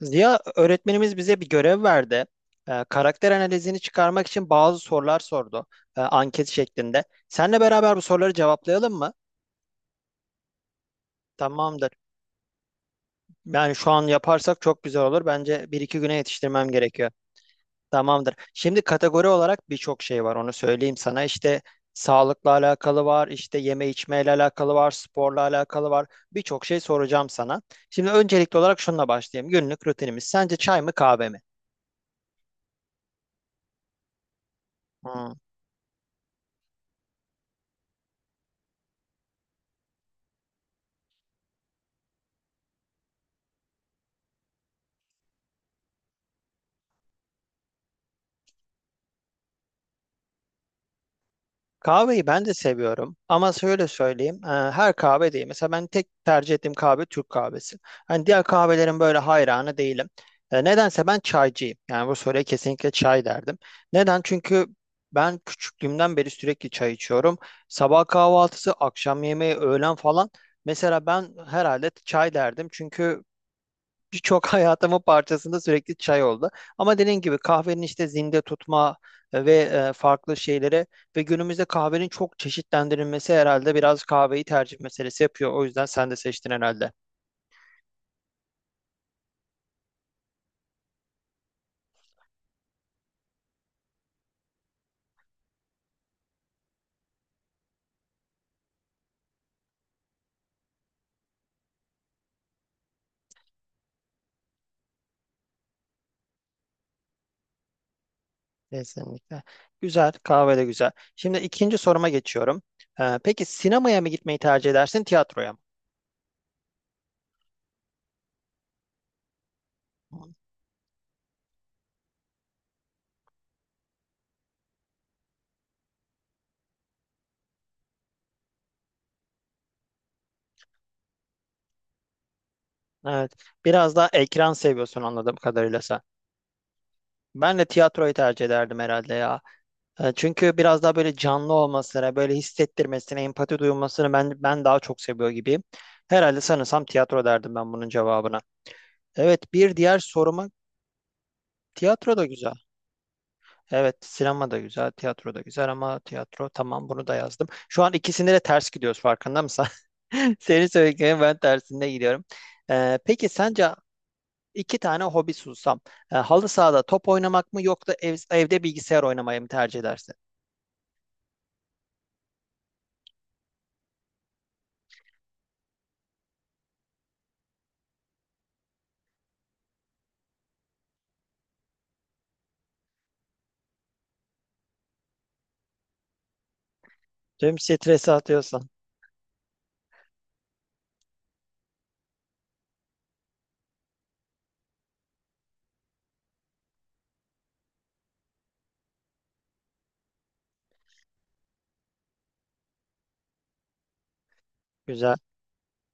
Ziya öğretmenimiz bize bir görev verdi. Karakter analizini çıkarmak için bazı sorular sordu. Anket şeklinde. Seninle beraber bu soruları cevaplayalım mı? Tamamdır. Yani şu an yaparsak çok güzel olur. Bence bir iki güne yetiştirmem gerekiyor. Tamamdır. Şimdi kategori olarak birçok şey var. Onu söyleyeyim sana. İşte sağlıkla alakalı var, işte yeme içmeyle alakalı var, sporla alakalı var. Birçok şey soracağım sana. Şimdi öncelikli olarak şununla başlayayım. Günlük rutinimiz. Sence çay mı kahve mi? Hmm. Kahveyi ben de seviyorum ama şöyle söyleyeyim her kahve değil. Mesela ben tek tercih ettiğim kahve Türk kahvesi. Hani diğer kahvelerin böyle hayranı değilim. Nedense ben çaycıyım. Yani bu soruya kesinlikle çay derdim. Neden? Çünkü ben küçüklüğümden beri sürekli çay içiyorum. Sabah kahvaltısı, akşam yemeği, öğlen falan. Mesela ben herhalde çay derdim. Çünkü birçok hayatımın parçasında sürekli çay oldu. Ama dediğim gibi kahvenin işte zinde tutma ve farklı şeylere ve günümüzde kahvenin çok çeşitlendirilmesi herhalde biraz kahveyi tercih meselesi yapıyor. O yüzden sen de seçtin herhalde. Kesinlikle. Güzel, kahve de güzel. Şimdi ikinci soruma geçiyorum. Peki sinemaya mı gitmeyi tercih edersin, tiyatroya mı? Evet, biraz daha ekran seviyorsun anladığım kadarıyla sen. Ben de tiyatroyu tercih ederdim herhalde ya. Çünkü biraz daha böyle canlı olmasına, böyle hissettirmesine, empati duyulmasını ben daha çok seviyor gibiyim. Herhalde sanırsam tiyatro derdim ben bunun cevabına. Evet, bir diğer soruma tiyatro da güzel. Evet, sinema da güzel, tiyatro da güzel ama tiyatro tamam bunu da yazdım. Şu an ikisinde de ters gidiyoruz farkında mısın? Senin söylediklerin ben tersinde gidiyorum. Peki sence İki tane hobi sunsam, halı sahada top oynamak mı yoksa evde bilgisayar oynamayı mı tercih edersin? Tüm stresi atıyorsan. Güzel.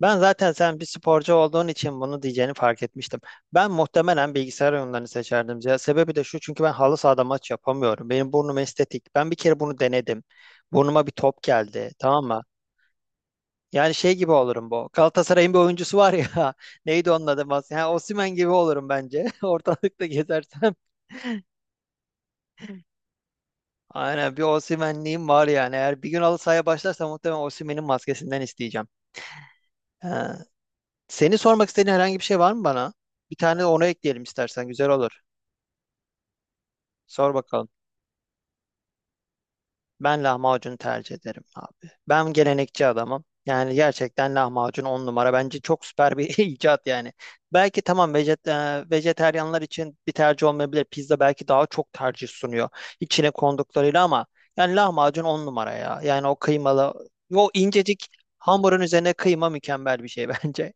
Ben zaten sen bir sporcu olduğun için bunu diyeceğini fark etmiştim. Ben muhtemelen bilgisayar oyunlarını seçerdim. Ya sebebi de şu çünkü ben halı sahada maç yapamıyorum. Benim burnum estetik. Ben bir kere bunu denedim. Burnuma bir top geldi. Tamam mı? Yani şey gibi olurum bu. Galatasaray'ın bir oyuncusu var ya. Neydi onun adı? Ha, Osimhen gibi olurum bence. Ortalıkta gezersem. Aynen bir Osimhen'liğim var yani. Eğer bir gün halı sahaya başlarsa muhtemelen Osimhen'in maskesinden isteyeceğim. Seni sormak istediğin herhangi bir şey var mı bana? Bir tane de onu ekleyelim istersen güzel olur. Sor bakalım. Ben lahmacunu tercih ederim abi. Ben gelenekçi adamım. Yani gerçekten lahmacun on numara. Bence çok süper bir icat yani. Belki tamam vejeteryanlar için bir tercih olmayabilir. Pizza belki daha çok tercih sunuyor. İçine konduklarıyla ama yani lahmacun on numara ya. Yani o kıymalı, o incecik hamurun üzerine kıyma mükemmel bir şey bence.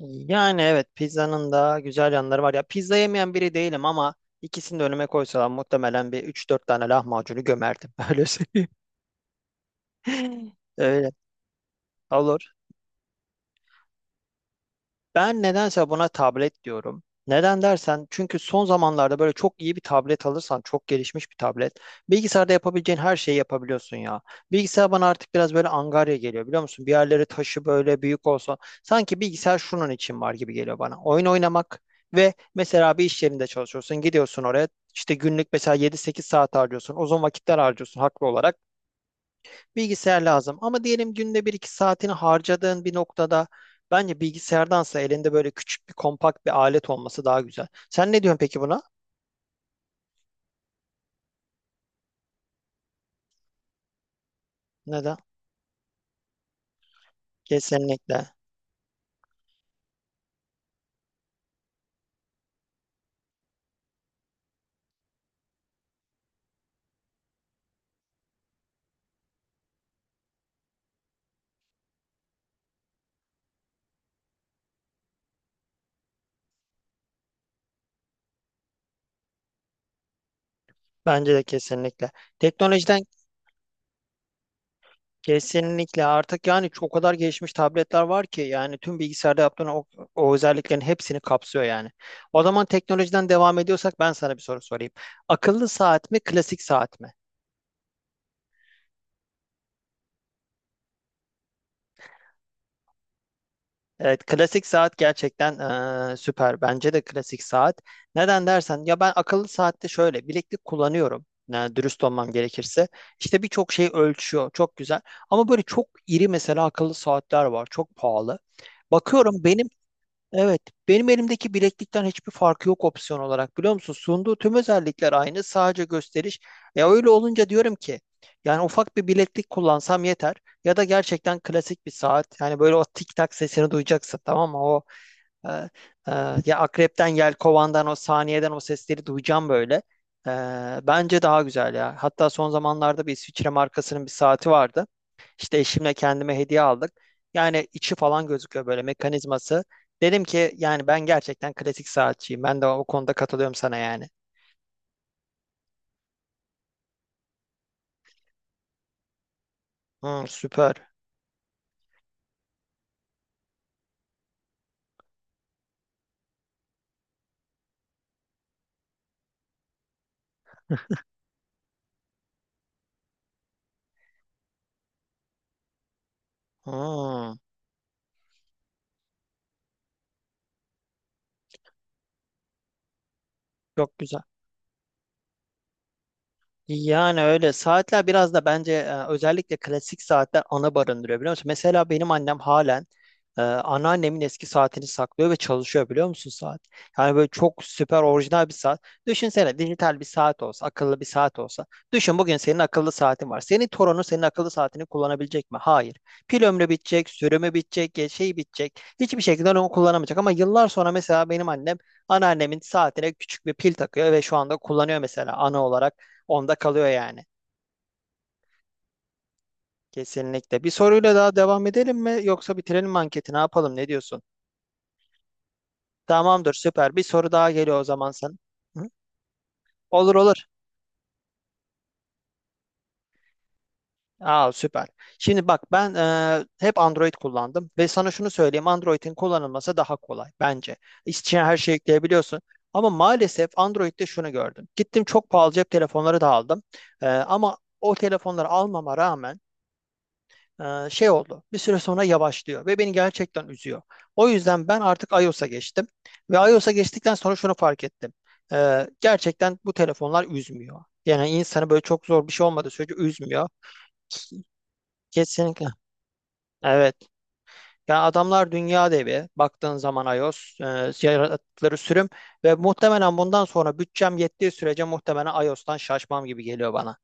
Yani evet pizzanın da güzel yanları var. Ya pizza yemeyen biri değilim ama ikisini de önüme koysalar muhtemelen bir üç dört tane lahmacunu gömerdim. Öyle söyleyeyim. Öyle. Olur. Ben nedense buna tablet diyorum. Neden dersen çünkü son zamanlarda böyle çok iyi bir tablet alırsan çok gelişmiş bir tablet. Bilgisayarda yapabileceğin her şeyi yapabiliyorsun ya. Bilgisayar bana artık biraz böyle angarya geliyor biliyor musun? Bir yerleri taşı böyle büyük olsa sanki bilgisayar şunun için var gibi geliyor bana. Oyun oynamak ve mesela bir iş yerinde çalışıyorsun gidiyorsun oraya işte günlük mesela 7-8 saat harcıyorsun uzun vakitler harcıyorsun haklı olarak. Bilgisayar lazım. Ama diyelim günde bir iki saatini harcadığın bir noktada bence bilgisayardansa elinde böyle küçük bir kompakt bir alet olması daha güzel. Sen ne diyorsun peki buna? Neden? Kesinlikle. Bence de kesinlikle. Teknolojiden kesinlikle artık yani çok o kadar gelişmiş tabletler var ki yani tüm bilgisayarda yaptığın o, o özelliklerin hepsini kapsıyor yani. O zaman teknolojiden devam ediyorsak ben sana bir soru sorayım. Akıllı saat mi, klasik saat mi? Evet, klasik saat gerçekten süper. Bence de klasik saat. Neden dersen ya ben akıllı saatte şöyle bileklik kullanıyorum. Yani dürüst olmam gerekirse. İşte birçok şey ölçüyor. Çok güzel. Ama böyle çok iri mesela akıllı saatler var. Çok pahalı. Bakıyorum benim. Evet, benim elimdeki bileklikten hiçbir farkı yok opsiyon olarak biliyor musun? Sunduğu tüm özellikler aynı, sadece gösteriş. Ya öyle olunca diyorum ki, yani ufak bir bileklik kullansam yeter ya da gerçekten klasik bir saat. Yani böyle o tik tak sesini duyacaksın tamam mı? O ee, e, ya akrepten, yelkovandan o saniyeden o sesleri duyacağım böyle. Bence daha güzel ya. Hatta son zamanlarda bir İsviçre markasının bir saati vardı. İşte eşimle kendime hediye aldık. Yani içi falan gözüküyor böyle mekanizması. Dedim ki yani ben gerçekten klasik saatçiyim. Ben de o konuda katılıyorum sana yani. Hmm, süper. Hmm, çok güzel. Yani öyle saatler biraz da bence özellikle klasik saatler ana barındırıyor biliyor musun? Mesela benim annem halen anneannemin eski saatini saklıyor ve çalışıyor biliyor musun saat? Yani böyle çok süper orijinal bir saat. Düşünsene dijital bir saat olsa, akıllı bir saat olsa. Düşün bugün senin akıllı saatin var. Senin torunun senin akıllı saatini kullanabilecek mi? Hayır. Pil ömrü bitecek, sürümü bitecek, ya şey bitecek. Hiçbir şekilde onu kullanamayacak. Ama yıllar sonra mesela benim annem anneannemin saatine küçük bir pil takıyor ve şu anda kullanıyor mesela ana olarak. Onda kalıyor yani. Kesinlikle. Bir soruyla daha devam edelim mi yoksa bitirelim mi anketi ne yapalım ne diyorsun? Tamamdır süper. Bir soru daha geliyor o zaman sen. Hı? Olur olur. Aa süper. Şimdi bak ben hep Android kullandım ve sana şunu söyleyeyim Android'in kullanılması daha kolay bence. İçine her şeyi yükleyebiliyorsun. Ama maalesef Android'de şunu gördüm. Gittim çok pahalı cep telefonları da aldım. Ama o telefonları almama rağmen şey oldu. Bir süre sonra yavaşlıyor ve beni gerçekten üzüyor. O yüzden ben artık iOS'a geçtim ve iOS'a geçtikten sonra şunu fark ettim. Gerçekten bu telefonlar üzmüyor. Yani insanı böyle çok zor bir şey olmadığı sürece üzmüyor. Kesinlikle. Evet. Yani adamlar dünya devi. Baktığın zaman iOS yarattıkları sürüm ve muhtemelen bundan sonra bütçem yettiği sürece muhtemelen iOS'tan şaşmam gibi geliyor bana.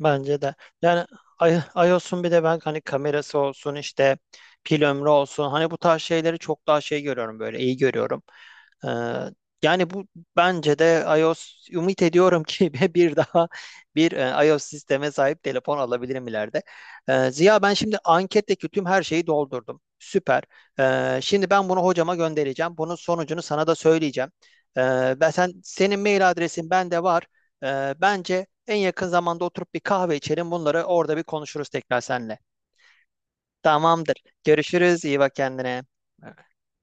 Bence de. Yani I- iOS'un bir de ben hani kamerası olsun işte pil ömrü olsun hani bu tarz şeyleri çok daha şey görüyorum böyle iyi görüyorum. Ee, yani bu bence de iOS ümit ediyorum ki bir daha bir iOS sisteme sahip telefon alabilirim ileride. Ziya ben şimdi anketteki tüm her şeyi doldurdum. Süper. Şimdi ben bunu hocama göndereceğim. Bunun sonucunu sana da söyleyeceğim. Ee, ben senin mail adresin bende var. Bence en yakın zamanda oturup bir kahve içelim. Bunları orada bir konuşuruz tekrar seninle. Tamamdır. Görüşürüz. İyi bak kendine.